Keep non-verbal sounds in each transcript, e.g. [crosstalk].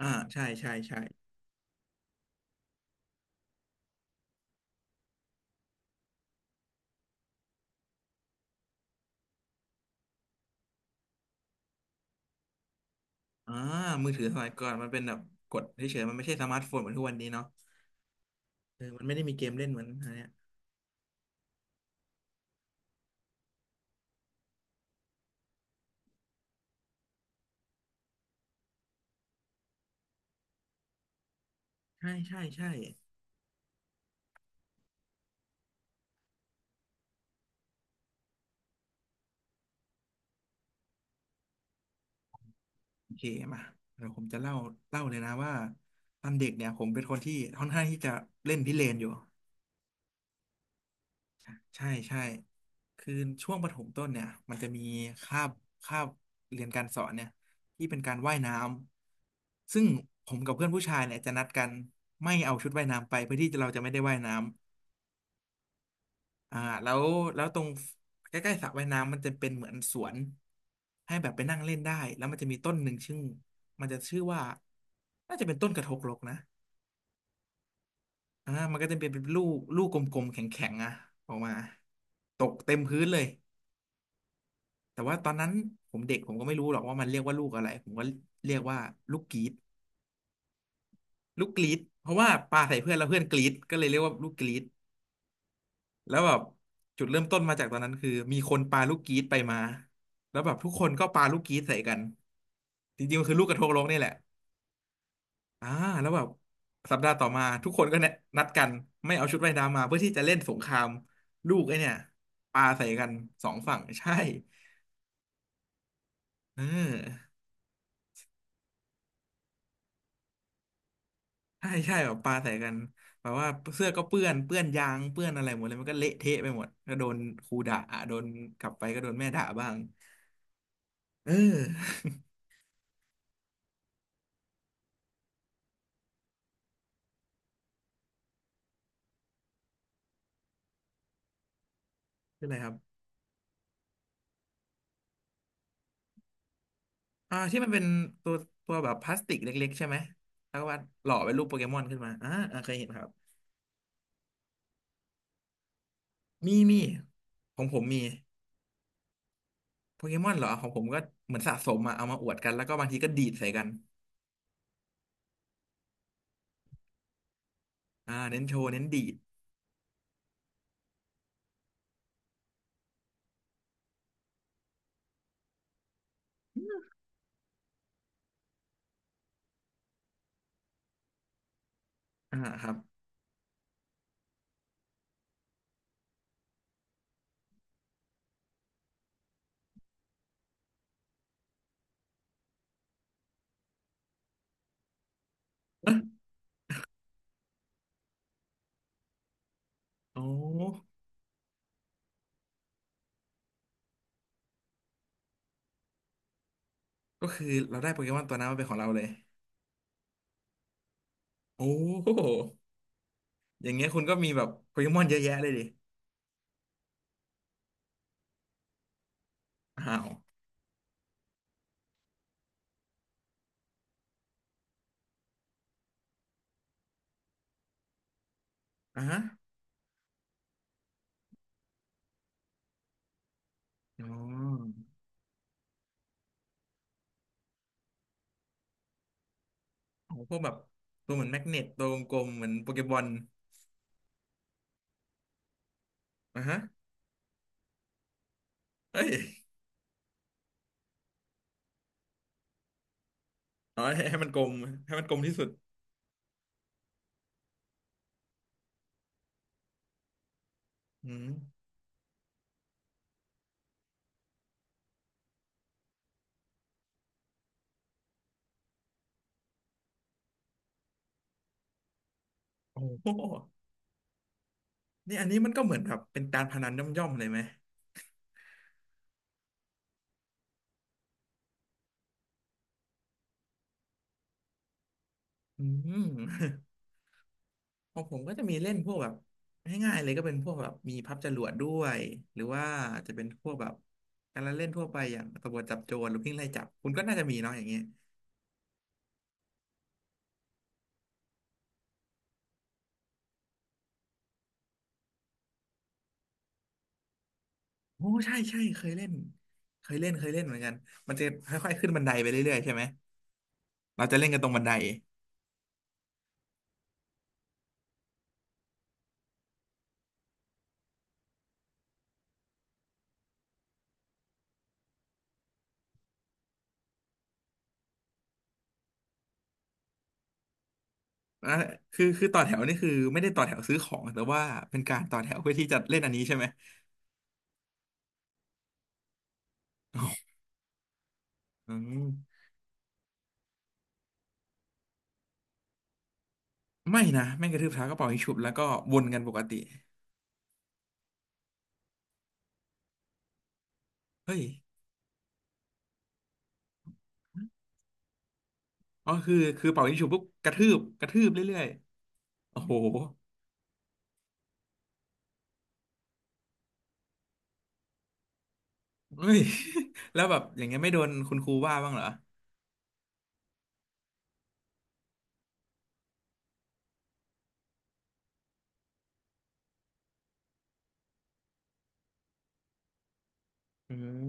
อ่าใช่ใช่ใช่อ่ามือถือสมัยก่อนมันเป็นแบบกดเฉยๆมันไม่ใช่สมาร์ทโฟนเหมือนทุกวันนี้เนาะเออมันไม่ได้มีเกมเล่นเหมือนอันเนี้ยใช่ใช่ใช่โอเคมาเดี๋ยวผมจะเล่าเล่าเลยนะว่าตอนเด็กเนี่ยผมเป็นคนที่ค่อนข้างที่จะเล่นพิเรนอยู่ใช่ใช่คือช่วงประถมต้นเนี่ยมันจะมีคาบคาบเรียนการสอนเนี่ยที่เป็นการว่ายน้ำซึ่งผมกับเพื่อนผู้ชายเนี่ยจะนัดกันไม่เอาชุดว่ายน้ำไปเพื่อที่เราจะไม่ได้ว่ายน้ อ่าแล้วแล้วตรงใกล้ๆสระว่ายน้ำมันจะเป็นเหมือนสวนให้แบบไปนั่งเล่นได้แล้วมันจะมีต้นหนึ่งชื่อมันจะชื่อว่าน่าจะเป็นต้นกระทกลกนะมันก็จะเป็นลูกกลมๆแข็งๆอะออกมาตกเต็มพื้นเลยแต่ว่าตอนนั้นผมเด็กผมก็ไม่รู้หรอกว่ามันเรียกว่าลูกอะไรผมก็เรียกว่าลูกกรีดลูกกรีดเพราะว่าปาใส่เพื่อนแล้วเพื่อนกรีดก็เลยเรียกว่าลูกกรีด แล้วแบบจุดเริ่มต้นมาจากตอนนั้นคือมีคนปาลูกกีตไปมาแล้วแบบทุกคนก็ปาลูกกีตใส่กันจริงๆมันคือลูกกระทงโลกนี่แหละอ่าแล้วแบบสัปดาห์ต่อมาทุกคนก็เนี่ยนัดกันไม่เอาชุดว่ายน้ำมาเพื่อที่จะเล่นสงครามลูกไอ้เนี่ยปาใส่กันสองฝั่งใช่เออใช่ใช่แบบปาใส่กันแบบว่าเสื้อก็เปื้อนเปื้อนยางเปื้อนอะไรหมดเลยมันก็เละเทะไปหมดก็โดนครูด่าโดนกลับไปก็โดนแม่ด่าบ้างเออ [laughs] เปไรครับ ที่มันเป็นตัวตัวแบบพลาสติกเล็กๆใช่ไหมแล้วก็วาดหล่อเป็นรูปโปเกมอนขึ้นมาเคยเห็นครับมีมีของผมมีโปเกมอนเหรอของผมก็เหมือนสะสมอะเอามาอวดกันแล้วก็บางทีก็ดีดใส่กันเน้นโชว์เน้นดีดครับโอ้ก็คือเราได้โปเกมอนตัวนั้นมาเป็นของเราเลยโอ้โหอย่างเงี้ยคุณก็มีแบบโปเกมอนเยอะแยะเลยดิอ้าวอ่ะอ๋อของพวกแบบตัวเหมือนแมกเนตตัวกลมๆเหมือนโปเกมอลอ่ะฮะเอ้ย อ๋อให้ให้มันกลมให้มันกลมที่สุดอืมโอ้โหนี่อันนี้มันก็เหมือนแบบเป็นการพนันย่อมๆเลยไหมอืม [laughs] ของผมก็จะมีเล่นพวกแบบง่ายๆเลยก็เป็นพวกแบบมีพับจรวดด้วยหรือว่าจะเป็นพวกแบบการละเล่นทั่วไปอย่างตำรวจจับโจรหรือวิ่งไล่จับคุณก็น่าจะมีเนาะอย่างเงี้ยโอ้ใช่ใช่เคยเล่นเคยเล่นเหมือนกันมันจะค่อยๆขึ้นบันไดไปเรื่อยๆใช่ไหมเราจะเล่นกันตรงบันไดอ่ะคือคือต่อแถวนี่คือไม่ได้ต่อแถวซื้อของแต่ว่าเป็นการต่อแถวเพื่อที่จะเล่นอันนี้ใช่ไหม อืมไม่นะแม่งกระทืบเท้าก็เป่ายิงฉุบแล้วก็วนกันปกติเฮ้ยอ๋อคือคือเป่ายิงฉุบปุ๊บกระทืบกระทืบเรื่อยๆโอ้โหเฮ้ย [laughs] แล้วแบบอย่างเงี้ยไม่โดนคุณครูว่าบ้างเหรออืม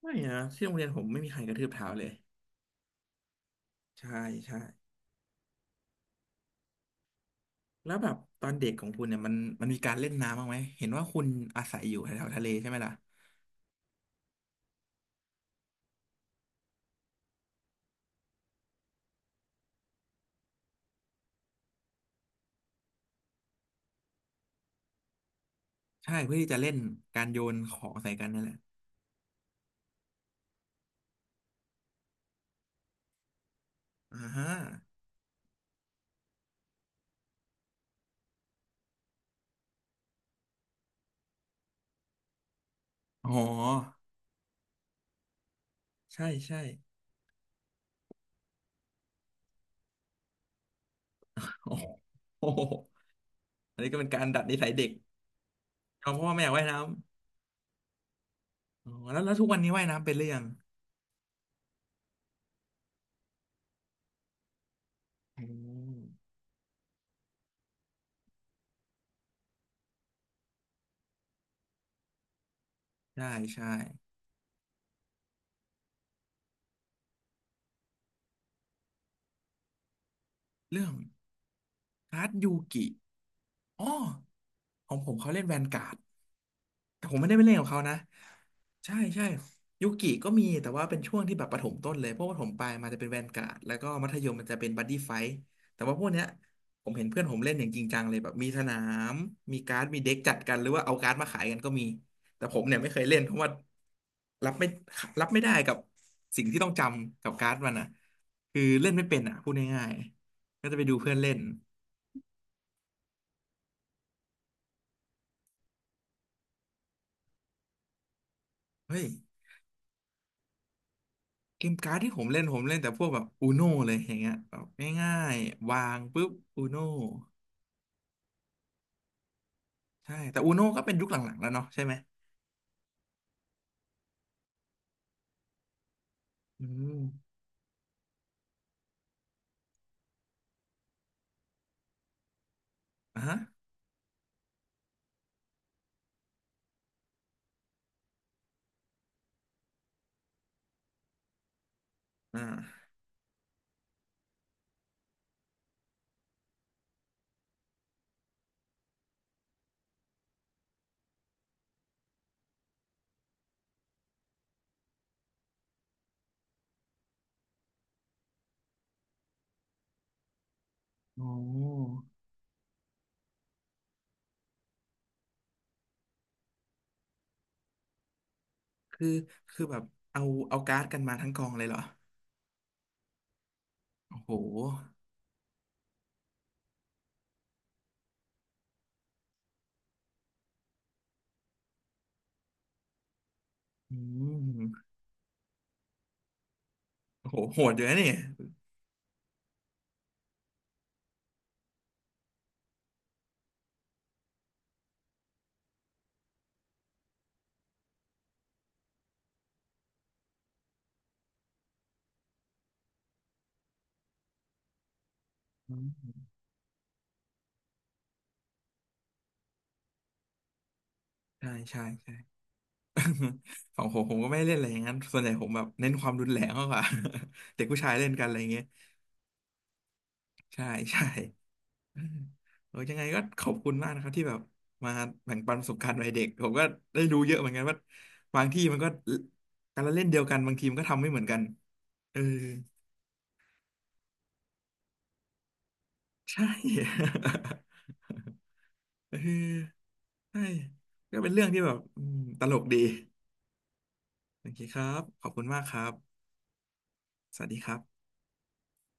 ไม่นะที่โรงเรียนผมไม่มีใครกระทืบเท้าเลยใช่ใช่แล้วแบบตอนเด็กของคุณเนี่ยมันมีการเล่นน้ำบ้างไหมเห็นว่าคุณอาศัยอยู่แถวๆทะเลใช่ไหมล่ะใช่เพื่อที่จะเล่นการโยนของใส่กันนั่นแหละอ่าฮะอ๋อใช่ใช่โอ้โห อันนี้ก็เป็นการดัดนิสัยเด็กเอาเพราะว่าไม่อยากว่ายน้ำอ๋อแล้วแล้วทุกวันนี้ว่ายน้ำเป็นหรือยังอืมใช่ใช่เรื่องการ์ดยูกิอ๋อของผมเขาเล่นแวนการ์ด แต่ผมไม่ได้ไปเล่นกับเขานะใช่ใช่ยุกิก็มีแต่ว่าเป็นช่วงที่แบบประถมต้นเลยเพวกประถมปลายมาจะเป็นแวนการ์ดแล้วก็มัธยมมันจะเป็นบัดดี้ไฟท์แต่ว่าพวกเนี้ยผมเห็นเพื่อนผมเล่นอย่างจริงจังเลยแบบมีสนามมีการ์ดมีเด็กจัดกันหรือว่าเอาการ์ดมาขายกันก็มีแต่ผมเนี่ยไม่เคยเล่นเพราะว่ารับไม่รับไม่ได้กับสิ่งที่ต้องจำกับการ์ดมันอ่ะคือเล่นไม่เป็นอ่ะพูดง่ายๆก็จะไปดูเพื่อนเล่นเฮ้ย เกมการ์ดที่ผมเล่นผมเล่นแต่พวกแบบอูโนเลยอย่างเงี้ยแบบง่ายๆวางปุ๊บอูโนใช่แต่อูโนก็เป็นยุคหลังๆแล้วเนาะใช่ไหมอืมอ่ะฮะอ่าโอ้คือคือแบบเอาเอาการ์ดกันมาทั้งกองเลยเหรอโอ้โหอืมโอ้โหโหดอยู่นะนี่อืมใช่ใช่ใช่ [laughs] ของผมผมก็ไม่ได้เล่นอะไรอย่างนั้นส่วนใหญ่ผมแบบเน้นความรุนแรงมากกว่า [laughs] เด็กผู้ชายเล่นกันอะไรอย่างเงี้ยใช่ใช่ [laughs] เออยังไงก็ขอบคุณมากนะครับที่แบบมาแบ่งปันประสบการณ์วัยเด็กผมก็ได้รู้เยอะเหมือนกันว่าบางที่มันก็การละเล่นเดียวกันบางทีมันก็ทำไม่เหมือนกันเออใช่ [laughs] เออใช่ก็เป็นเรื่องที่แบบอืมตลกดีโอเคครับขอบคุณมากครับสวัสดีครับ